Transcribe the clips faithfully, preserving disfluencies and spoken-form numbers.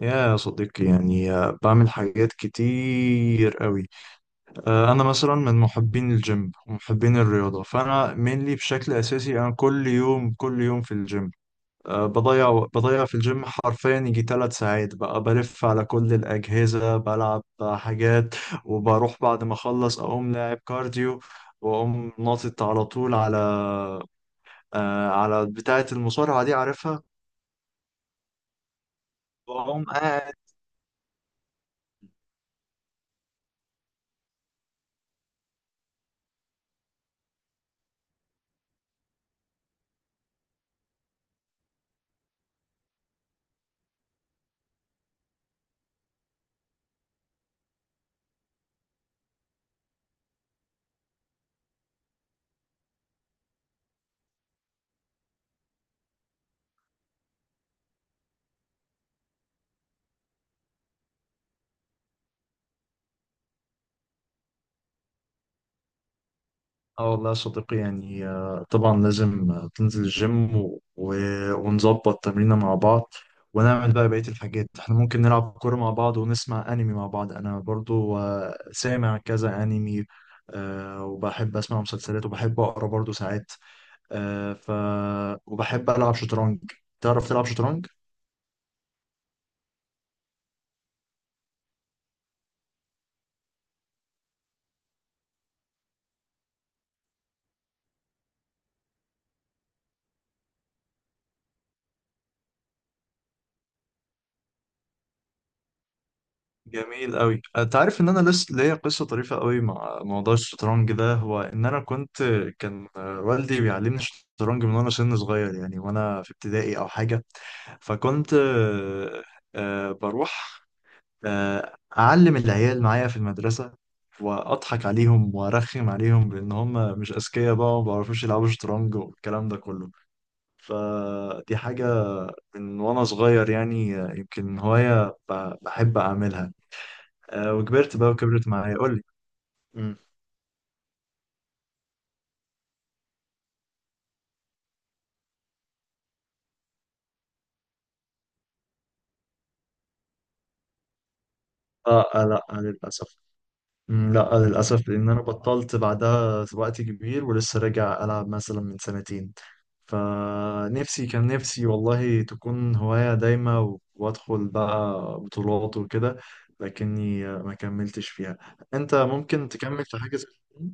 يا صديقي، يعني آه، بعمل حاجات كتير قوي. آه، انا مثلا من محبين الجيم ومحبين الرياضه، فانا mainly بشكل اساسي انا كل يوم كل يوم في الجيم. آه، بضيع بضيع في الجيم حرفيا يجي ثلاث ساعات، بقى بلف على كل الاجهزه بلعب حاجات، وبروح بعد ما اخلص اقوم لاعب كارديو. واقوم ناطط على طول على آه، على بتاعه المصارعه دي، عارفها. واقوم. اه والله يا صديقي، يعني آه، طبعا لازم آه، تنزل الجيم و... و- ونظبط تمرينة مع بعض، ونعمل بقى بقية الحاجات. احنا ممكن نلعب كورة مع بعض ونسمع أنمي مع بعض. أنا برضو آه، سامع كذا أنمي. آه، وبحب أسمع مسلسلات، وبحب أقرأ برضو ساعات. آه، ف وبحب ألعب شطرنج. تعرف تلعب شطرنج؟ جميل قوي. انت عارف ان انا لسه ليا قصه طريفه قوي مع موضوع الشطرنج ده؟ هو ان انا كنت، كان آه، والدي بيعلمني الشطرنج من وانا سن صغير، يعني وانا في ابتدائي او حاجه. فكنت آه، آه، بروح آه، اعلم العيال معايا في المدرسه، واضحك عليهم وارخم عليهم بان هم مش اذكياء بقى وما بيعرفوش يلعبوا شطرنج والكلام ده كله. فدي حاجه من وانا صغير، يعني آه، يمكن هوايه ب- بحب اعملها. آه، وكبرت بقى، وكبرت معايا. قول لي. مم. اه، آه، لا، آه، للاسف. مم، لا، آه، للاسف، لان انا بطلت بعدها وقت كبير، ولسه راجع العب مثلا من سنتين. فنفسي، كان نفسي والله تكون هواية دايمة و- وادخل بقى بطولات وكده، لكني آه، ما كملتش فيها. انت ممكن تكمل في حاجة زي كده؟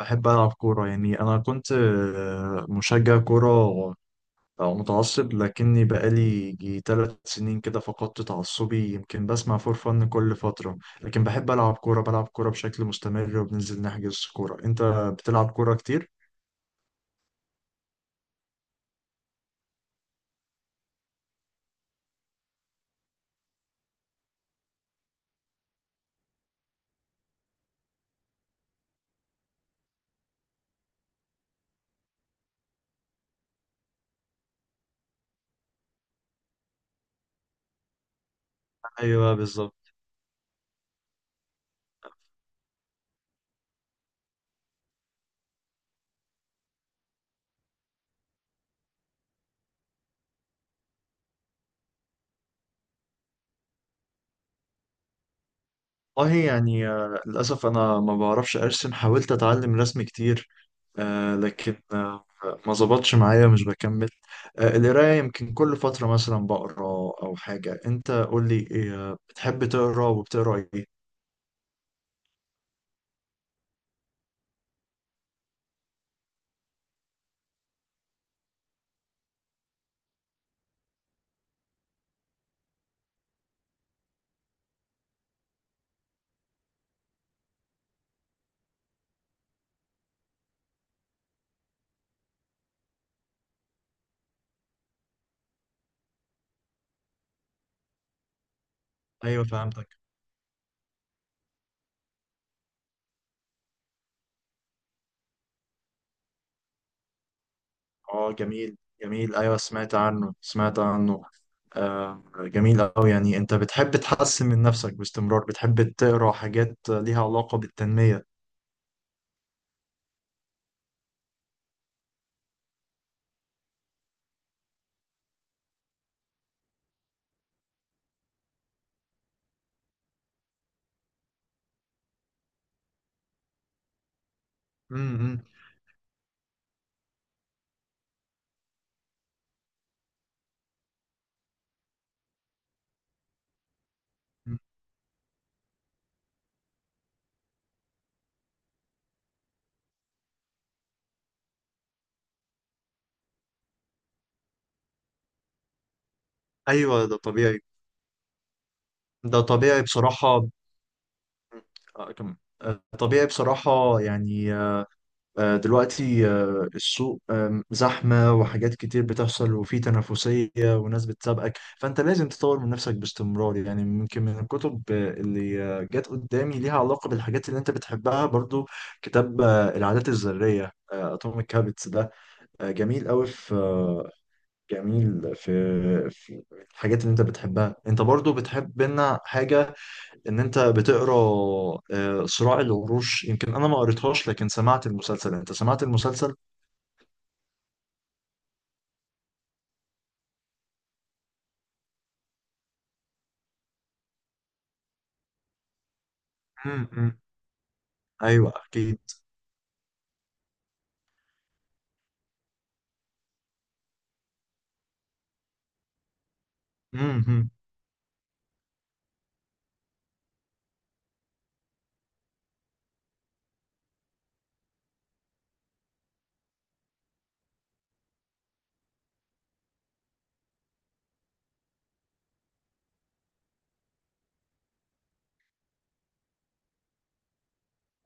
بحب ألعب كورة، يعني أنا كنت آه، مشجع كورة أو متعصب، لكني بقالي جي تلات سنين كده فقدت تعصبي. يمكن بسمع فور فن كل فترة، لكن بحب ألعب كورة، بلعب كورة بشكل مستمر وبننزل نحجز كورة. أنت بتلعب كورة كتير؟ ايوه بالظبط. والله يعني آه، للأسف أنا ما بعرفش أرسم، حاولت أتعلم رسم كتير، آه، لكن آه، ما ظبطش معايا، مش بكمل. آه، القراية يمكن كل فترة مثلا بقرا أو حاجة. أنت قول لي إيه آه، بتحب تقرا، وبتقرا إيه؟ أيوه فهمتك. اه، جميل جميل، ايوه سمعت عنه سمعت عنه. آه جميل أوي، يعني أنت بتحب تحسن من نفسك باستمرار، بتحب تقرأ حاجات ليها علاقة بالتنمية. امم. أيوه ده طبيعي. ده طبيعي بصراحة، آه، كم- آه، طبيعي بصراحة يعني. آه، دلوقتي آه، السوق آم، زحمة، وحاجات كتير بتحصل، وفي تنافسية وناس بتسابقك. فأنت لازم تطور من نفسك باستمرار، يعني يمكن من الكتب آه، اللي آه، جت قدامي ليها علاقة بالحاجات اللي أنت بتحبها، برضو كتاب آه، العادات الذرية، أتوميك هابتس ده. آه، جميل أوي، في آه، جميل في في الحاجات اللي أنت بتحبها. أنت برضو بتحب لنا حاجة، ان انت بتقرا آه، صراع العروش. يمكن انا ما قريتهاش لكن سمعت المسلسل. انت سمعت المسلسل؟ امم. ايوه اكيد. امم.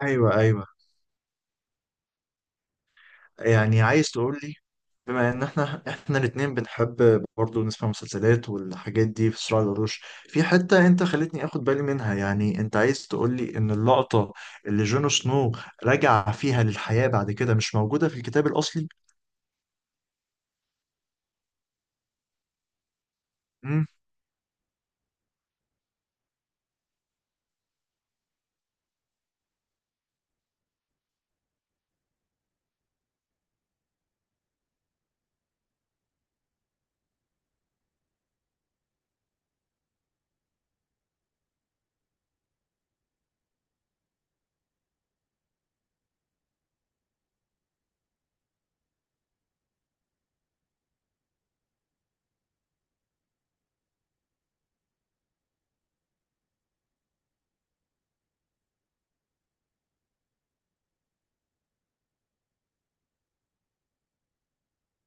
ايوه، ايوه، يعني عايز تقول لي بما ان احنا احنا الاثنين بنحب برضه نسمع مسلسلات والحاجات دي، في صراع العروش في حته انت خلتني اخد بالي منها، يعني انت عايز تقول لي ان اللقطه اللي جون سنو رجع فيها للحياه بعد كده مش موجوده في الكتاب الاصلي؟ امم.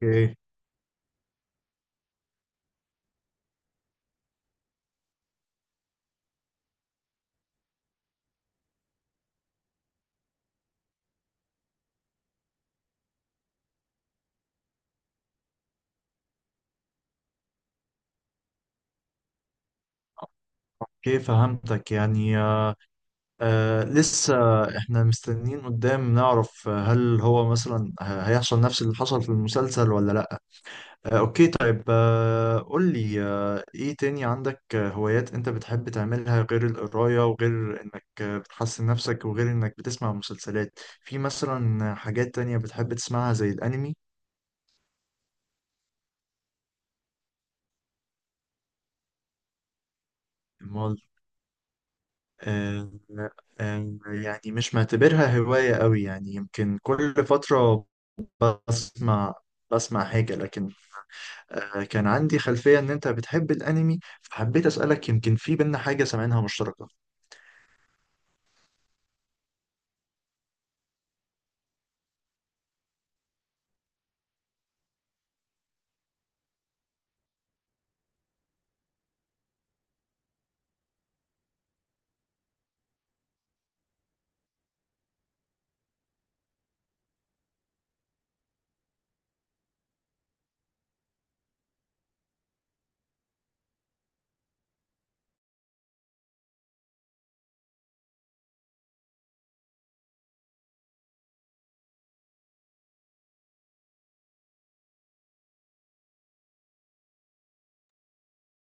اوكي. اوكي فهمتك. يعني آه، لسه احنا مستنيين قدام نعرف آه، هل هو مثلا ه- هيحصل نفس اللي حصل في المسلسل ولا لا. آه، اوكي طيب، آه قول لي، آه ايه تاني عندك آه، هوايات انت بتحب تعملها غير القراية، وغير انك آه، بتحسن نفسك، وغير انك بتسمع مسلسلات؟ في مثلا حاجات تانية بتحب تسمعها زي الانمي؟ امال. آه. آه يعني مش معتبرها هواية قوي، يعني يمكن كل فترة بسمع بسمع حاجة. لكن آه، كان عندي خلفية إن أنت بتحب الأنمي، فحبيت أسألك يمكن في بينا حاجة سامعينها مشتركة.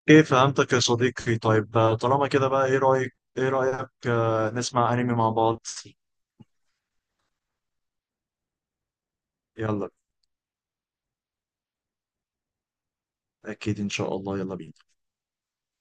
إيه فهمتك يا صديقي. طيب آه، طالما كده بقى، إيه رأيك، إيه رأيك آه، نسمع أنمي مع بعض؟ يلا، أكيد إن شاء الله. يلا بينا.